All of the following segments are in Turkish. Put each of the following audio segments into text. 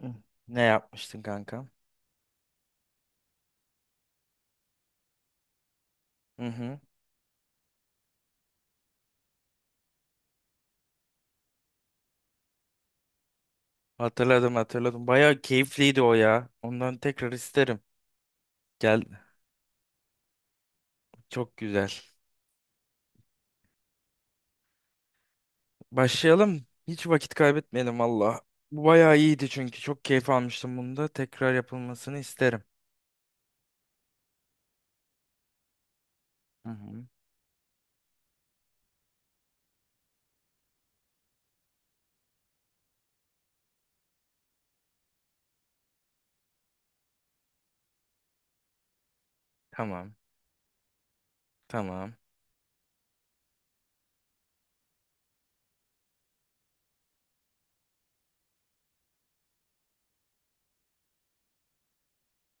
Hı. Ne yapmıştın kanka? Hı hı. Hatırladım, hatırladım. Bayağı keyifliydi o ya. Ondan tekrar isterim. Gel. Çok güzel. Başlayalım. Hiç vakit kaybetmeyelim valla. Bu bayağı iyiydi, çünkü çok keyif almıştım bunda. Tekrar yapılmasını isterim. Hı hı. Tamam. Tamam.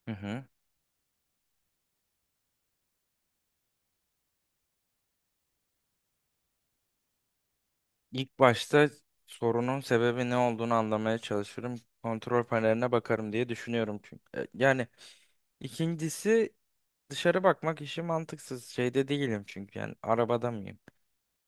Hı hı. İlk başta sorunun sebebi ne olduğunu anlamaya çalışırım. Kontrol paneline bakarım diye düşünüyorum çünkü. Yani ikincisi dışarı bakmak işi mantıksız. Şeyde değilim çünkü, yani arabada mıyım?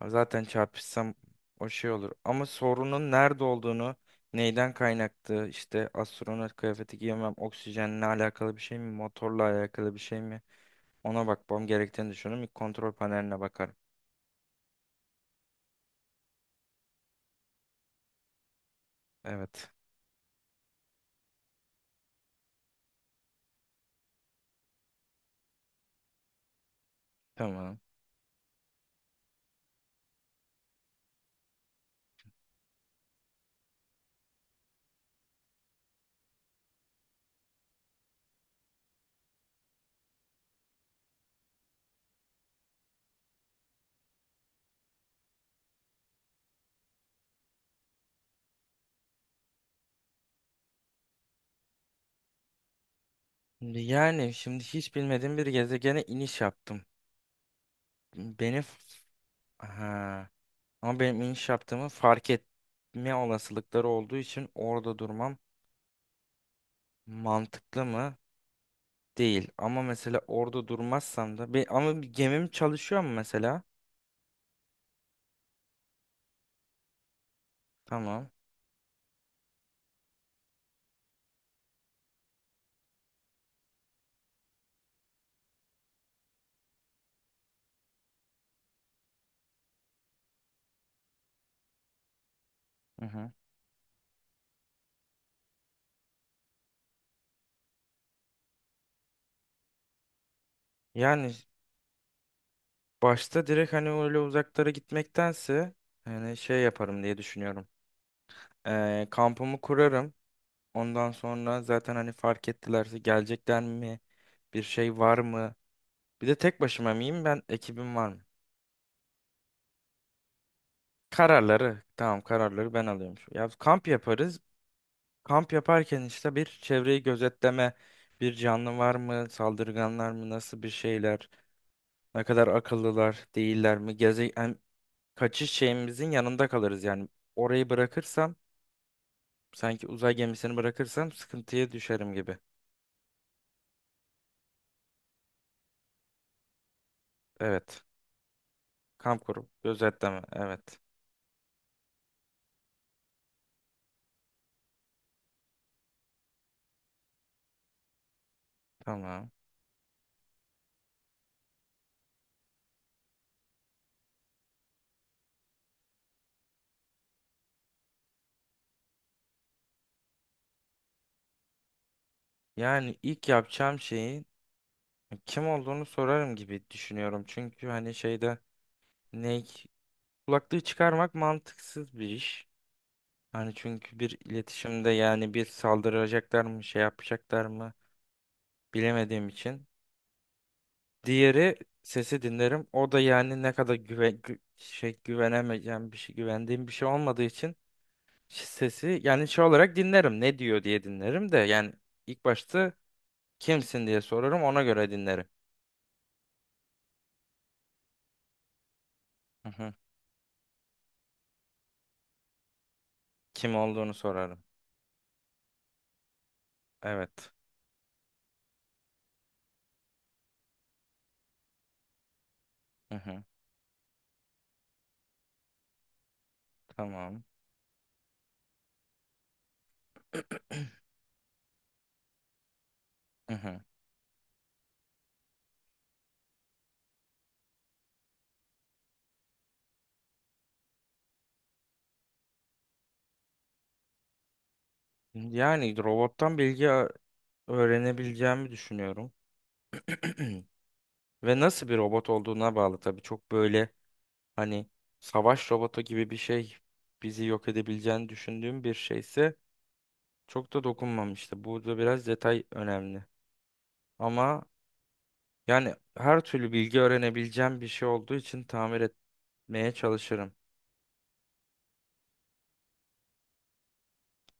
Zaten çarpışsam o şey olur. Ama sorunun nerede olduğunu, neyden kaynaklı, işte astronot kıyafeti giyemem, oksijenle alakalı bir şey mi, motorla alakalı bir şey mi? Ona bakmam gerektiğini düşünüyorum. İlk kontrol paneline bakarım. Evet. Tamam. Şimdi yani şimdi hiç bilmediğim bir gezegene iniş yaptım. Beni ha. Ama benim iniş yaptığımı fark etme olasılıkları olduğu için orada durmam mantıklı mı? Değil. Ama mesela orada durmazsam da bir, ama bir gemim çalışıyor mu mesela? Tamam. Hı hı. Yani başta direkt hani öyle uzaklara gitmektense yani şey yaparım diye düşünüyorum. Kampımı kurarım. Ondan sonra zaten hani fark ettilerse gelecekler mi? Bir şey var mı? Bir de tek başıma mıyım ben? Ekibim var mı? Kararları. Tamam, kararları ben alıyorum. Ya kamp yaparız. Kamp yaparken işte bir çevreyi gözetleme, bir canlı var mı, saldırganlar mı, nasıl bir şeyler, ne kadar akıllılar, değiller mi, geze yani kaçış şeyimizin yanında kalırız yani. Orayı bırakırsam, sanki uzay gemisini bırakırsam sıkıntıya düşerim gibi. Evet. Kamp kurup gözetleme. Evet. Tamam. Yani ilk yapacağım şeyi kim olduğunu sorarım gibi düşünüyorum. Çünkü hani şeyde ne kulaklığı çıkarmak mantıksız bir iş. Hani çünkü bir iletişimde yani bir saldıracaklar mı, şey yapacaklar mı bilemediğim için. Diğeri sesi dinlerim. O da yani ne kadar şey güvenemeyeceğim bir şey, güvendiğim bir şey olmadığı için sesi yani şey olarak dinlerim. Ne diyor diye dinlerim de yani ilk başta kimsin diye sorarım, ona göre dinlerim. Hı hı. Kim olduğunu sorarım. Evet. Hı hı. Tamam. Hı hı. Yani robottan öğrenebileceğimi düşünüyorum. Ve nasıl bir robot olduğuna bağlı tabii. Çok böyle hani savaş robotu gibi bir şey, bizi yok edebileceğini düşündüğüm bir şeyse çok da dokunmamıştı. Burada biraz detay önemli. Ama yani her türlü bilgi öğrenebileceğim bir şey olduğu için tamir etmeye çalışırım.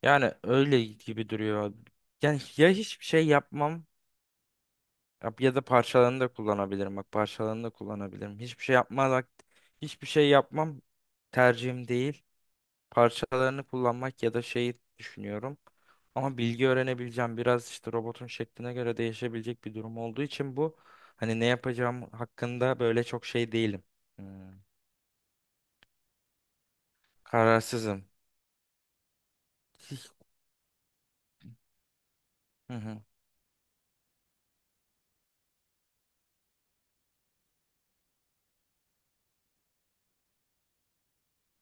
Yani öyle gibi duruyor. Yani ya hiçbir şey yapmam, ya da parçalarını da kullanabilirim. Bak, parçalarını da kullanabilirim. Hiçbir şey yapmamak, hiçbir şey yapmam tercihim değil. Parçalarını kullanmak ya da şeyi düşünüyorum. Ama bilgi öğrenebileceğim, biraz işte robotun şekline göre değişebilecek bir durum olduğu için bu, hani ne yapacağım hakkında böyle çok şey değilim. Hmm, Kararsızım. Hiç- Hı hı.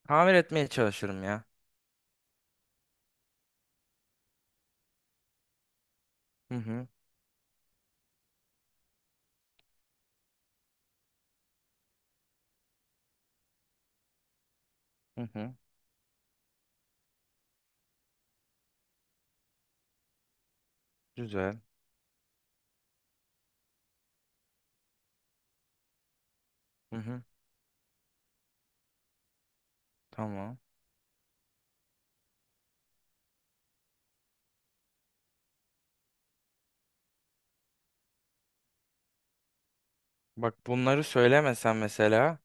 Tamir etmeye çalışırım ya. Hı hı. Hı hı. Güzel. Hı hı. Tamam. Bak, bunları söylemesen mesela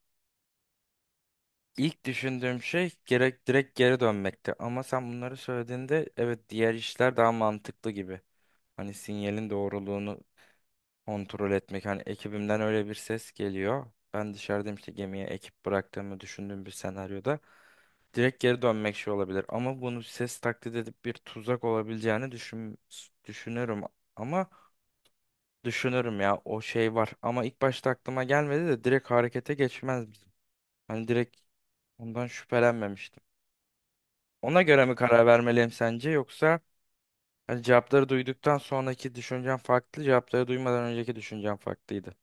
ilk düşündüğüm şey gerek direkt geri dönmekti. Ama sen bunları söylediğinde evet, diğer işler daha mantıklı gibi. Hani sinyalin doğruluğunu kontrol etmek. Hani ekibimden öyle bir ses geliyor. Ben dışarıdayım, işte gemiye ekip bıraktığımı düşündüğüm bir senaryoda. Direkt geri dönmek şey olabilir. Ama bunu ses taklit edip bir tuzak düşünürüm. Ama düşünürüm ya, o şey var. Ama ilk başta aklıma gelmedi de direkt harekete geçmez bizim. Hani direkt ondan şüphelenmemiştim. Ona göre mi karar vermeliyim sence, yoksa hani cevapları duyduktan sonraki düşüncem farklı, cevapları duymadan önceki düşüncem farklıydı.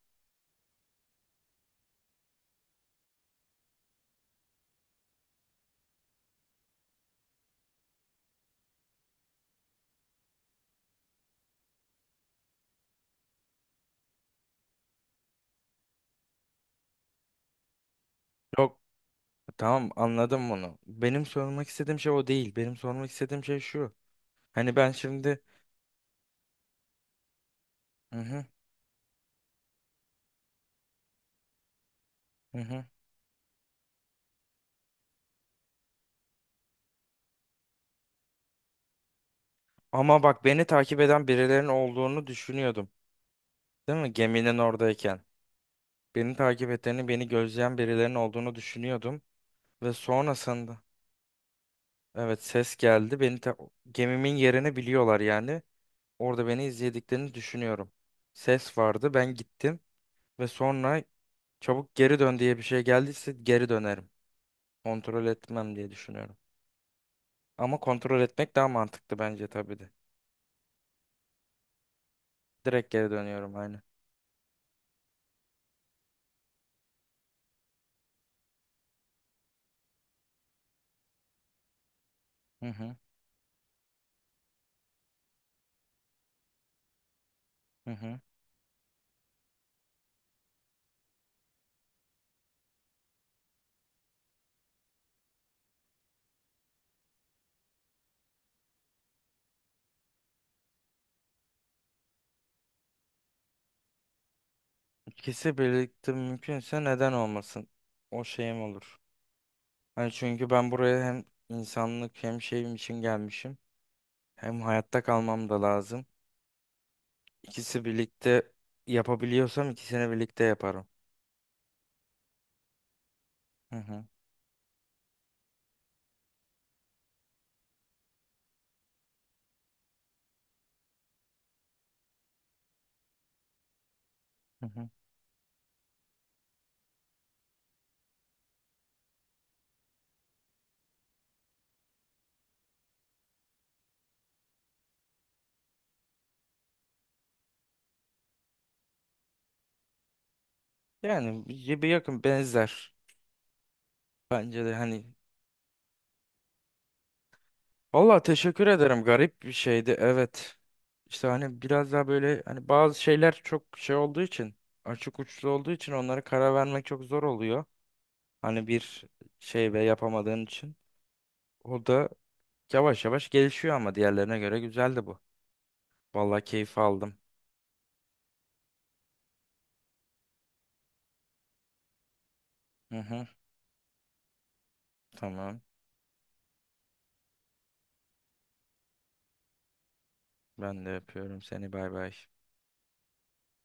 Yok, tamam, anladım bunu. Benim sormak istediğim şey o değil. Benim sormak istediğim şey şu. Hani ben şimdi hı hı, hı hı. Ama bak, beni takip eden birilerinin olduğunu düşünüyordum. Değil mi? Geminin oradayken. Beni takip ettiğini, beni gözleyen birilerinin olduğunu düşünüyordum. Ve sonrasında evet, ses geldi. Gemimin yerini biliyorlar yani. Orada beni izlediklerini düşünüyorum. Ses vardı. Ben gittim ve sonra çabuk geri dön diye bir şey geldiyse geri dönerim. Kontrol etmem diye düşünüyorum. Ama kontrol etmek daha mantıklı bence tabii de. Direkt geri dönüyorum aynı. Hı hı, hı hı. İkisi birlikte mümkünse neden olmasın? O şeyim olur. Hani çünkü ben buraya hem insanlık hem şeyim için gelmişim. Hem hayatta kalmam da lazım. İkisi birlikte yapabiliyorsam ikisini birlikte yaparım. Hı hı, hı hı. Yani bir yakın benzer. Bence de hani valla teşekkür ederim. Garip bir şeydi. Evet. İşte hani biraz daha böyle, hani bazı şeyler çok şey olduğu için, açık uçlu olduğu için onlara karar vermek çok zor oluyor. Hani bir şey ve yapamadığın için. O da yavaş yavaş gelişiyor ama diğerlerine göre güzeldi bu. Valla keyif aldım. Hı hı. Tamam. Ben de yapıyorum seni. Bay bay.